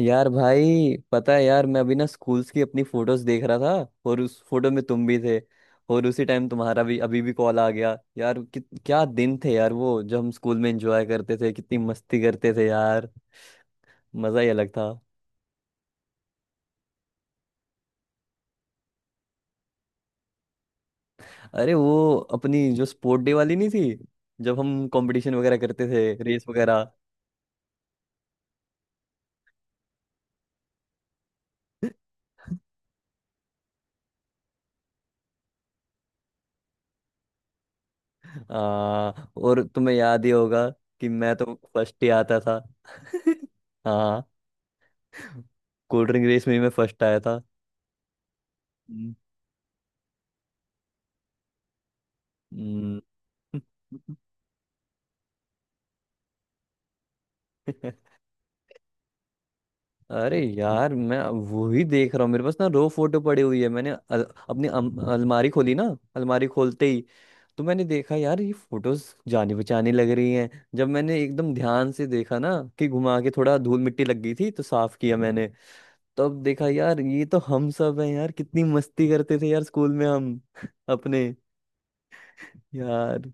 यार भाई पता है यार, मैं अभी ना स्कूल्स की अपनी फोटोज देख रहा था और उस फोटो में तुम भी थे। और उसी टाइम तुम्हारा भी अभी भी कॉल आ गया यार कि क्या दिन थे यार वो, जब हम स्कूल में एंजॉय करते थे, कितनी मस्ती करते थे यार। मजा ही अलग था। अरे वो अपनी जो स्पोर्ट डे वाली नहीं थी? जब हम कंपटीशन वगैरह करते थे, रेस वगैरह। आ, और तुम्हें याद ही होगा कि मैं तो फर्स्ट ही आता था। हाँ। कोल्ड ड्रिंक रेस में ही मैं फर्स्ट आया था। हम्म। अरे यार मैं अब वो ही देख रहा हूँ, मेरे पास ना रो फोटो पड़ी हुई है। मैंने अपनी अलमारी खोली ना। अलमारी खोलते ही तो मैंने देखा यार, ये फोटोज जानी पहचानी लग रही हैं। जब मैंने एकदम ध्यान से देखा ना कि घुमा के, थोड़ा धूल मिट्टी लग गई थी तो साफ किया मैंने। तब देखा यार, ये तो हम सब हैं यार। कितनी मस्ती करते थे यार स्कूल में हम अपने यार।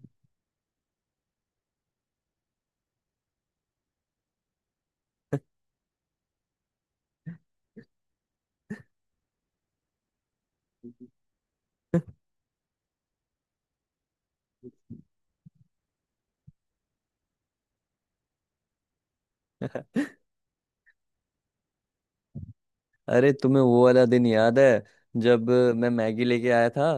अरे तुम्हें वो वाला दिन याद है, जब मैं मैगी लेके आया था।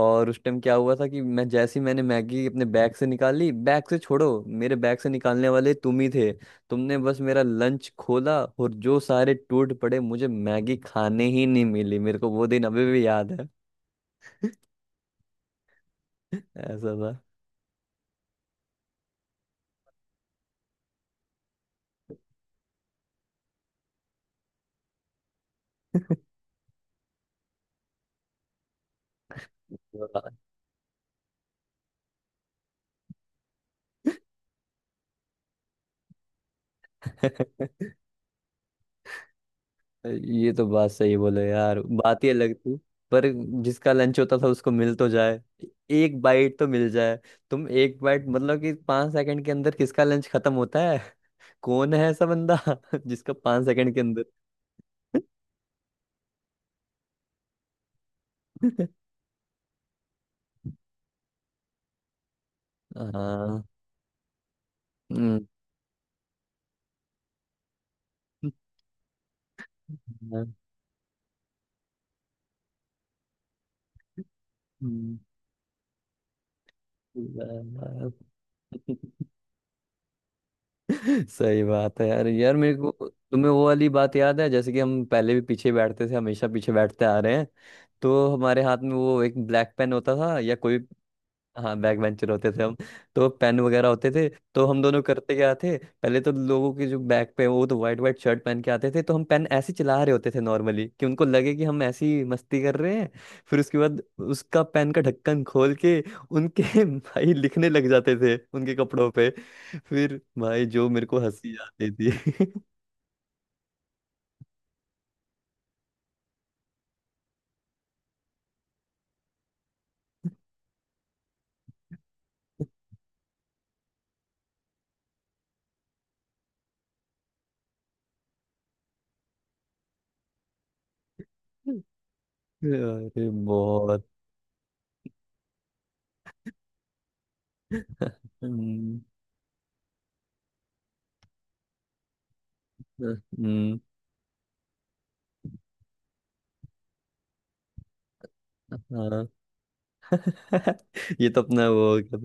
और उस टाइम क्या हुआ था कि मैं जैसे ही मैंने मैगी अपने बैग से निकाली, बैग से छोड़ो, मेरे बैग से निकालने वाले तुम ही थे। तुमने बस मेरा लंच खोला और जो सारे टूट पड़े, मुझे मैगी खाने ही नहीं मिली। मेरे को वो दिन अभी भी याद है। ऐसा था। ये तो बात सही बोले यार, बात ही अलग थी। पर जिसका लंच होता था उसको मिल तो जाए, एक बाइट तो मिल जाए। तुम एक बाइट मतलब कि 5 सेकंड के अंदर किसका लंच खत्म होता है? कौन है ऐसा बंदा? जिसका 5 सेकंड के अंदर। हाँ। हम्म। हाँ। हम्म। सही बात है यार, यार मेरे को तुम्हें वो वाली बात याद है, जैसे कि हम पहले भी पीछे बैठते थे, हमेशा पीछे बैठते आ रहे हैं। तो हमारे हाथ में वो एक ब्लैक पेन होता था या कोई। हाँ, बैक बेंचर होते थे हम। तो पेन वगैरह होते थे। तो हम दोनों करते क्या थे, पहले तो लोगों के जो बैक पे, वो तो वाइट वाइट शर्ट पहन के आते थे, तो हम पेन ऐसे चला रहे होते थे नॉर्मली कि उनको लगे कि हम ऐसी मस्ती कर रहे हैं। फिर उसके बाद उसका पेन का ढक्कन खोल के उनके भाई लिखने लग जाते थे उनके कपड़ों पे। फिर भाई जो मेरे को हंसी आती थी। अरे बहुत। हम्म, हम्म, हाँ। ये तो अपना वो हो गया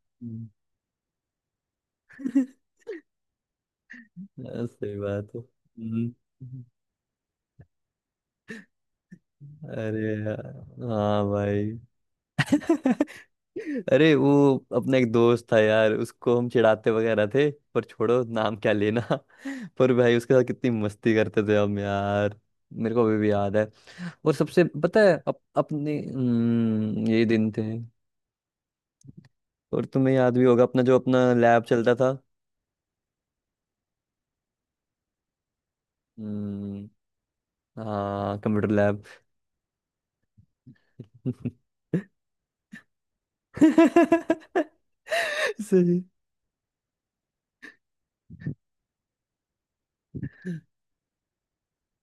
था। हाँ, सही बात है। हम्म। अरे यार, हाँ भाई। अरे वो, अपना एक दोस्त था यार, उसको हम चिढ़ाते वगैरह थे पर छोड़ो, नाम क्या लेना। पर भाई उसके साथ कितनी मस्ती करते थे हम यार। मेरे को अभी भी याद है। और सबसे पता है अपने ये दिन थे। और तुम्हें याद भी होगा अपना जो अपना लैब चलता था। हम्म, हाँ, कंप्यूटर लैब। सही।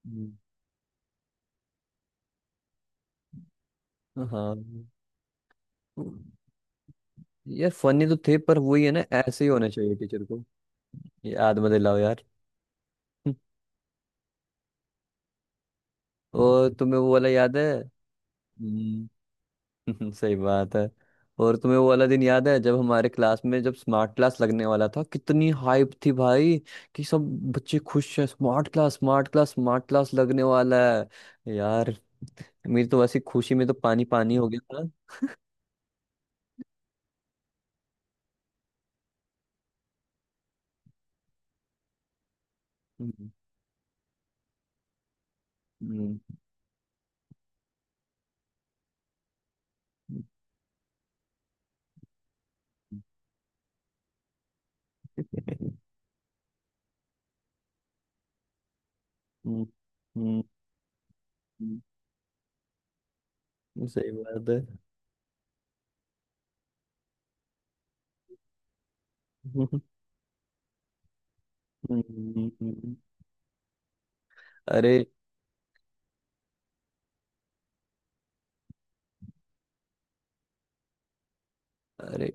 हम्म, हाँ। हम्म। यार, फनी तो थे पर वही है ना, ऐसे ही होना चाहिए टीचर को। याद मत दिलाओ यार। और तुम्हें वो वाला याद है? हम्म। सही बात है। और तुम्हें वो वाला दिन याद है जब हमारे क्लास में जब स्मार्ट क्लास लगने वाला था, कितनी हाइप थी भाई। कि सब बच्चे खुश हैं, smart class smart class smart class लगने वाला है यार। मेरी तो वैसी खुशी में तो पानी पानी हो गया था। हम्म, हम्म, हम्म, हम्म, हम्म, हम्म, हम्म। सही बात है। हम्म। अरे अरे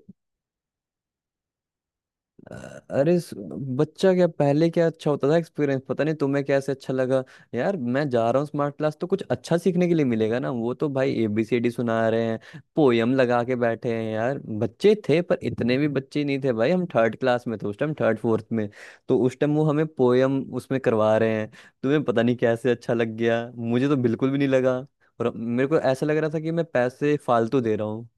अरे बच्चा क्या, पहले क्या अच्छा होता था एक्सपीरियंस, पता नहीं तुम्हें कैसे अच्छा लगा। यार मैं जा रहा हूँ स्मार्ट क्लास तो कुछ अच्छा सीखने के लिए मिलेगा ना। वो तो भाई एबीसीडी सुना रहे हैं, पोयम लगा के बैठे हैं यार। बच्चे थे पर इतने भी बच्चे नहीं थे भाई, हम थर्ड क्लास में थे उस टाइम, थर्ड फोर्थ में। तो उस टाइम वो हमें पोयम उसमें करवा रहे हैं। तुम्हें पता नहीं कैसे अच्छा लग गया, मुझे तो बिल्कुल भी नहीं लगा। और मेरे को ऐसा लग रहा था कि मैं पैसे फालतू दे रहा हूँ।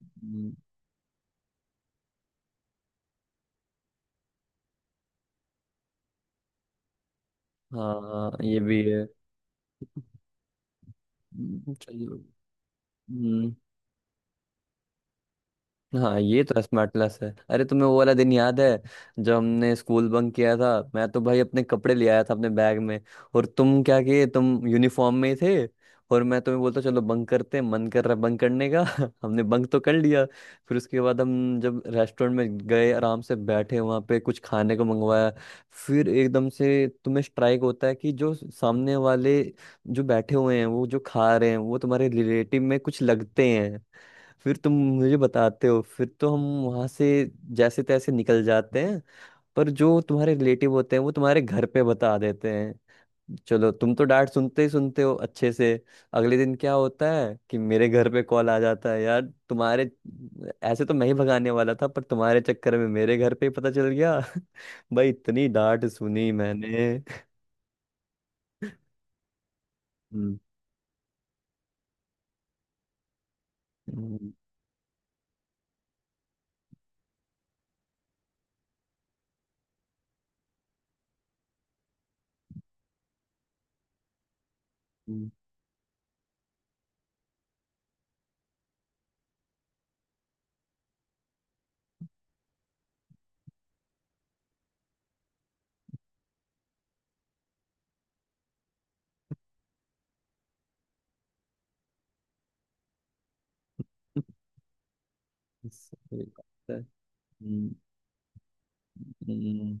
हम्म, हाँ ये भी है। चलो। हम्म। हाँ ये तो स्मार्ट क्लास है। अरे तुम्हें वो वाला दिन याद है जब हमने स्कूल बंक किया था? मैं तो भाई अपने कपड़े ले आया था अपने बैग में। और तुम क्या किए, तुम यूनिफॉर्म में ही थे। और मैं तुम्हें बोलता चलो बंक करते हैं, मन कर रहा है बंक करने का। हमने बंक तो कर लिया। फिर उसके बाद हम जब रेस्टोरेंट में गए, आराम से बैठे वहाँ पे कुछ खाने को मंगवाया। फिर एकदम से तुम्हें स्ट्राइक होता है कि जो सामने वाले जो बैठे हुए हैं, वो जो खा रहे हैं, वो तुम्हारे रिलेटिव में कुछ लगते हैं। फिर तुम मुझे बताते हो, फिर तो हम वहां से जैसे तैसे निकल जाते हैं। पर जो तुम्हारे रिलेटिव होते हैं वो तुम्हारे घर पे बता देते हैं, चलो तुम तो डांट सुनते ही सुनते हो अच्छे से। अगले दिन क्या होता है कि मेरे घर पे कॉल आ जाता है यार, तुम्हारे ऐसे तो मैं ही भगाने वाला था, पर तुम्हारे चक्कर में मेरे घर पे ही पता चल गया। भाई इतनी डांट सुनी मैंने। हम्म, हम्म, हम्म, सही बात है। हम्म, हम्म।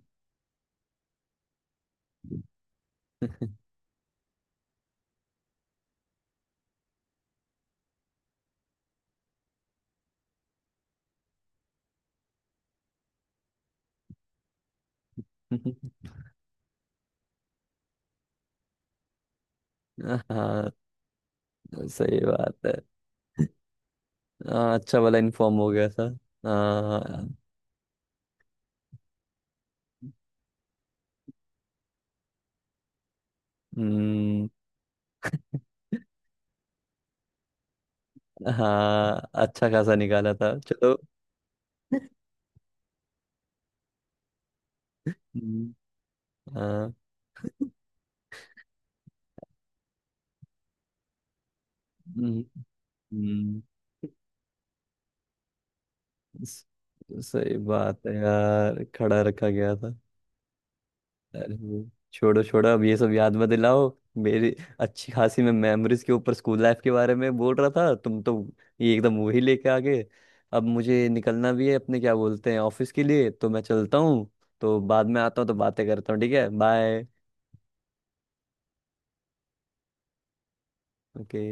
हाँ, सही बात है। हाँ, अच्छा वाला इन्फॉर्म हो गया था। हाँ। हम्म, हाँ, अच्छा खासा निकाला था चलो। हम्म, हाँ। हम्म, हम्म, स- सही बात है यार, खड़ा रखा गया था। अरे वो छोड़ो छोड़ो, अब ये सब याद मत दिलाओ। मेरी अच्छी खासी मैं मेमोरीज के ऊपर स्कूल लाइफ के बारे में बोल रहा था, तुम तो ये एकदम वही लेके आ गए। अब मुझे निकलना भी है अपने क्या बोलते हैं, ऑफिस के लिए तो मैं चलता हूँ। तो बाद में आता हूँ तो बातें करता हूँ, ठीक है, बाय। ओके।